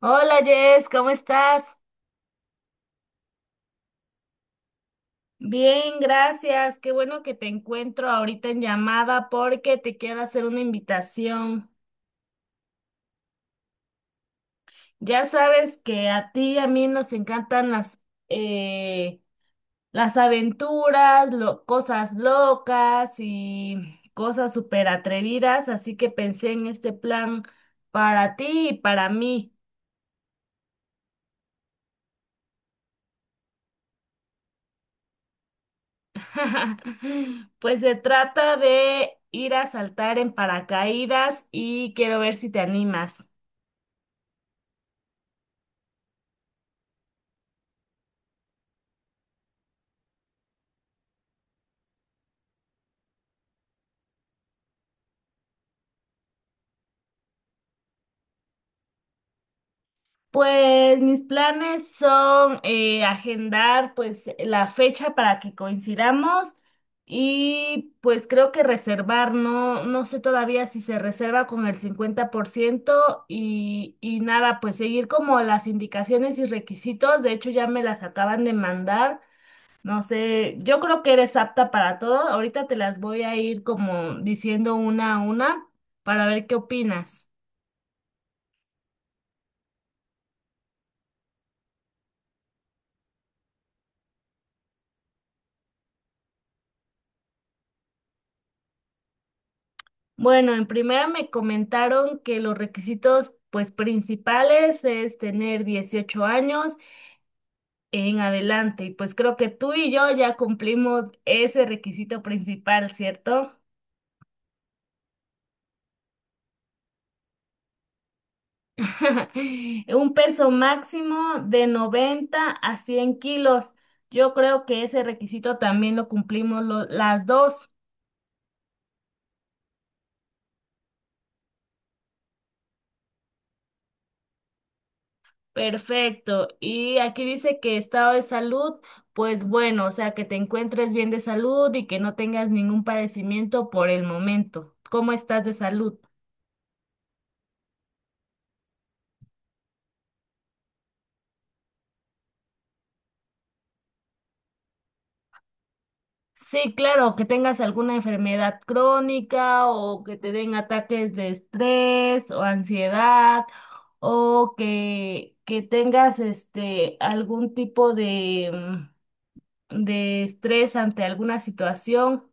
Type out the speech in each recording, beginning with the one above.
Hola Jess, ¿cómo estás? Bien, gracias. Qué bueno que te encuentro ahorita en llamada porque te quiero hacer una invitación. Ya sabes que a ti y a mí nos encantan eh, las aventuras, cosas locas y cosas súper atrevidas, así que pensé en este plan para ti y para mí. Pues se trata de ir a saltar en paracaídas y quiero ver si te animas. Pues mis planes son agendar pues la fecha para que coincidamos y pues creo que reservar, no, no sé todavía si se reserva con el 50% y nada, pues seguir como las indicaciones y requisitos, de hecho ya me las acaban de mandar. No sé, yo creo que eres apta para todo. Ahorita te las voy a ir como diciendo una a una para ver qué opinas. Bueno, en primera me comentaron que los requisitos pues principales es tener 18 años en adelante y pues creo que tú y yo ya cumplimos ese requisito principal, ¿cierto? Un peso máximo de 90 a 100 kilos. Yo creo que ese requisito también lo cumplimos las dos. Perfecto. Y aquí dice que estado de salud, pues bueno, o sea, que te encuentres bien de salud y que no tengas ningún padecimiento por el momento. ¿Cómo estás de salud? Sí, claro, que tengas alguna enfermedad crónica o que te den ataques de estrés o ansiedad o que tengas este algún tipo de, de estrés ante alguna situación.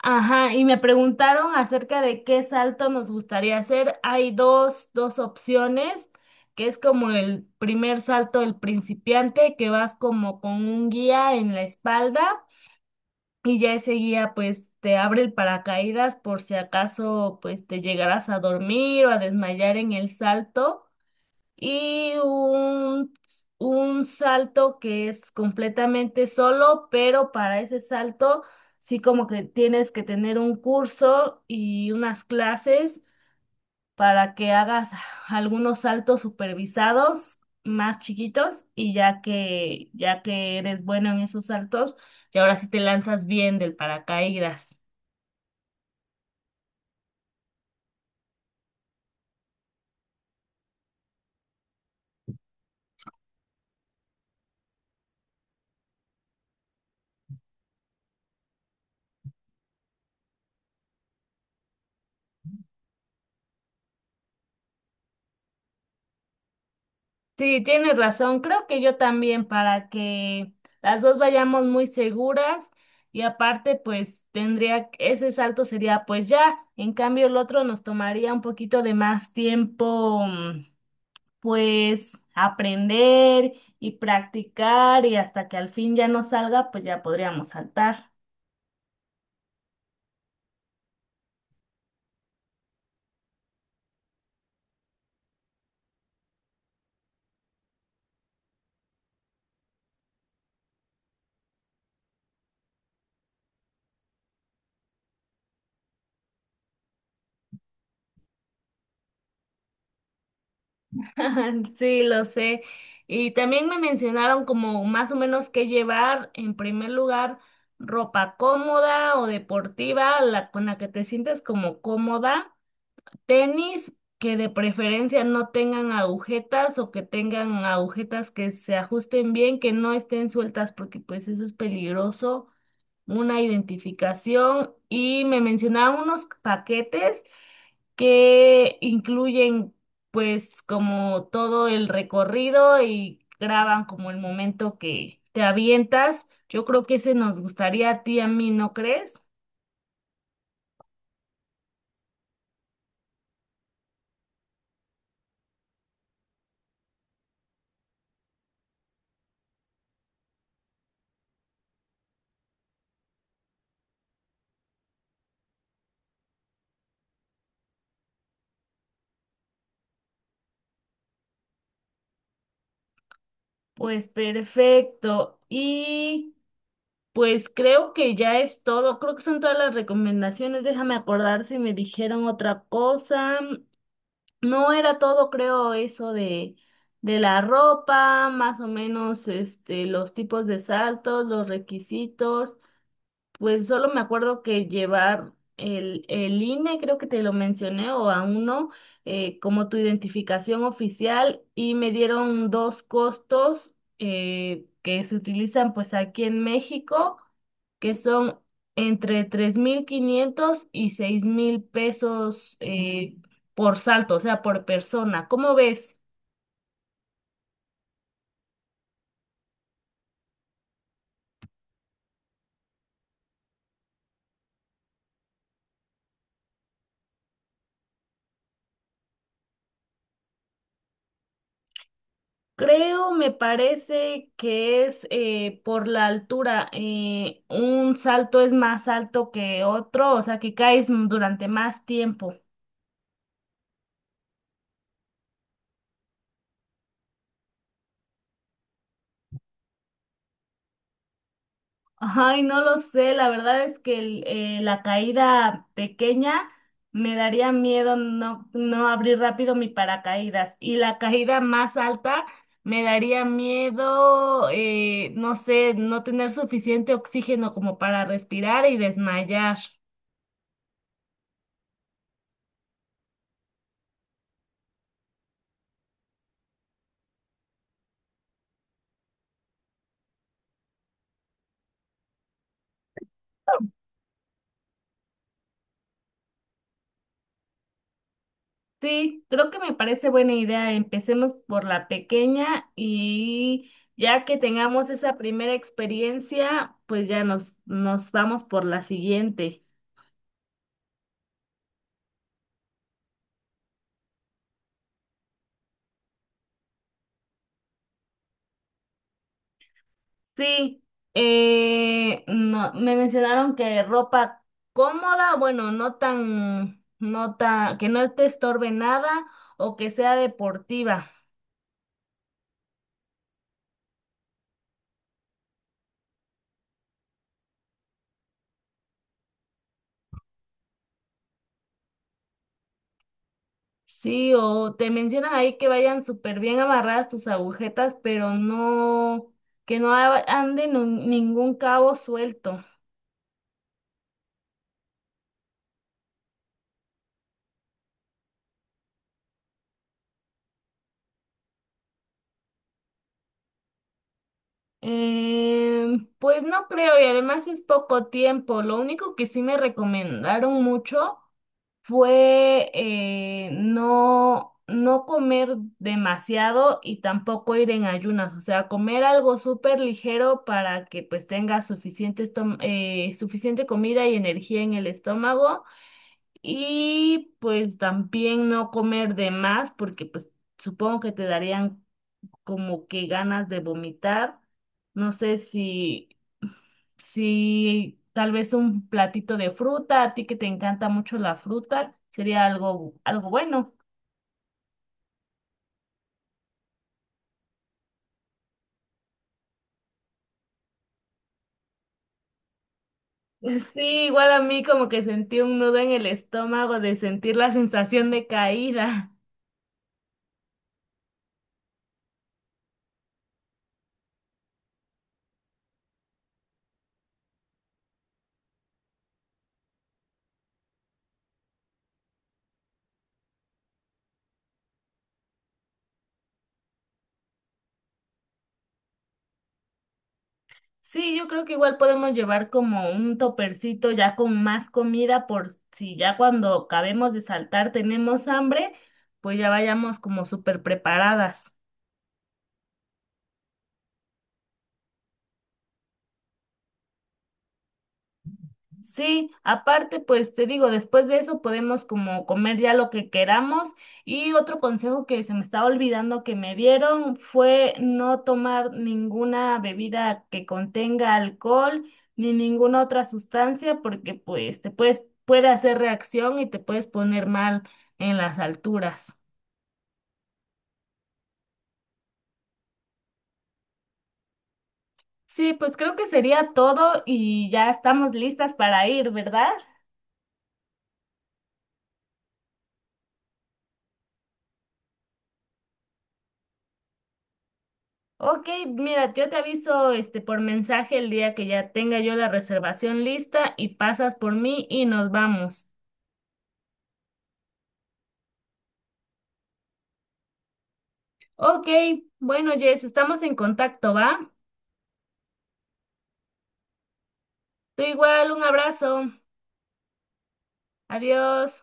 Ajá, y me preguntaron acerca de qué salto nos gustaría hacer. Hay dos opciones, que es como el primer salto del principiante, que vas como con un guía en la espalda y ya ese guía pues te abre el paracaídas por si acaso pues te llegarás a dormir o a desmayar en el salto y un salto que es completamente solo, pero para ese salto sí como que tienes que tener un curso y unas clases para que hagas algunos saltos supervisados más chiquitos y ya que eres bueno en esos saltos, y ahora sí te lanzas bien del paracaídas. Sí, tienes razón. Creo que yo también para que las dos vayamos muy seguras y aparte pues tendría, ese salto sería pues ya, en cambio el otro nos tomaría un poquito de más tiempo pues aprender y practicar y hasta que al fin ya nos salga pues ya podríamos saltar. Sí, lo sé. Y también me mencionaron como más o menos qué llevar, en primer lugar, ropa cómoda o deportiva, la con la que te sientes como cómoda, tenis que de preferencia no tengan agujetas o que tengan agujetas que se ajusten bien, que no estén sueltas porque pues eso es peligroso, una identificación y me mencionaban unos paquetes que incluyen pues como todo el recorrido y graban como el momento que te avientas. Yo creo que ese nos gustaría a ti, a mí, ¿no crees? Pues perfecto. Y pues creo que ya es todo. Creo que son todas las recomendaciones. Déjame acordar si me dijeron otra cosa. No era todo, creo, eso de la ropa, más o menos este, los tipos de saltos, los requisitos. Pues solo me acuerdo que llevar el INE, creo que te lo mencioné, o a uno, como tu identificación oficial, y me dieron dos costos que se utilizan pues aquí en México, que son entre 3500 y 6000 pesos por salto, o sea, por persona. ¿Cómo ves? Creo, me parece que es por la altura. Un salto es más alto que otro, o sea que caes durante más tiempo. Ay, no lo sé, la verdad es que la caída pequeña me daría miedo no abrir rápido mi paracaídas y la caída más alta me daría miedo, no sé, no tener suficiente oxígeno como para respirar y desmayar. Sí, creo que me parece buena idea. Empecemos por la pequeña y ya que tengamos esa primera experiencia, pues nos vamos por la siguiente. Sí, no, me mencionaron que ropa cómoda, bueno, no tan, que no te estorbe nada o que sea deportiva. Sí, o te mencionan ahí que vayan súper bien amarradas tus agujetas, pero no, que no a- ande nu- ningún cabo suelto. Pues no creo, y además es poco tiempo. Lo único que sí me recomendaron mucho fue no comer demasiado y tampoco ir en ayunas, o sea, comer algo súper ligero para que pues tengas suficiente, suficiente comida y energía en el estómago. Y pues también no comer de más, porque pues supongo que te darían como que ganas de vomitar. No sé si, si tal vez un platito de fruta, a ti que te encanta mucho la fruta, sería algo bueno. Sí, igual a mí como que sentí un nudo en el estómago de sentir la sensación de caída. Sí, yo creo que igual podemos llevar como un topercito ya con más comida por si ya cuando acabemos de saltar tenemos hambre, pues ya vayamos como súper preparadas. Sí, aparte, pues te digo, después de eso podemos como comer ya lo que queramos. Y otro consejo que se me estaba olvidando que me dieron fue no tomar ninguna bebida que contenga alcohol ni ninguna otra sustancia porque pues puede hacer reacción y te puedes poner mal en las alturas. Sí, pues creo que sería todo y ya estamos listas para ir, ¿verdad? Ok, mira, yo te aviso este por mensaje el día que ya tenga yo la reservación lista y pasas por mí y nos vamos. Ok, bueno, Jess, estamos en contacto, ¿va? Tú igual, un abrazo. Adiós.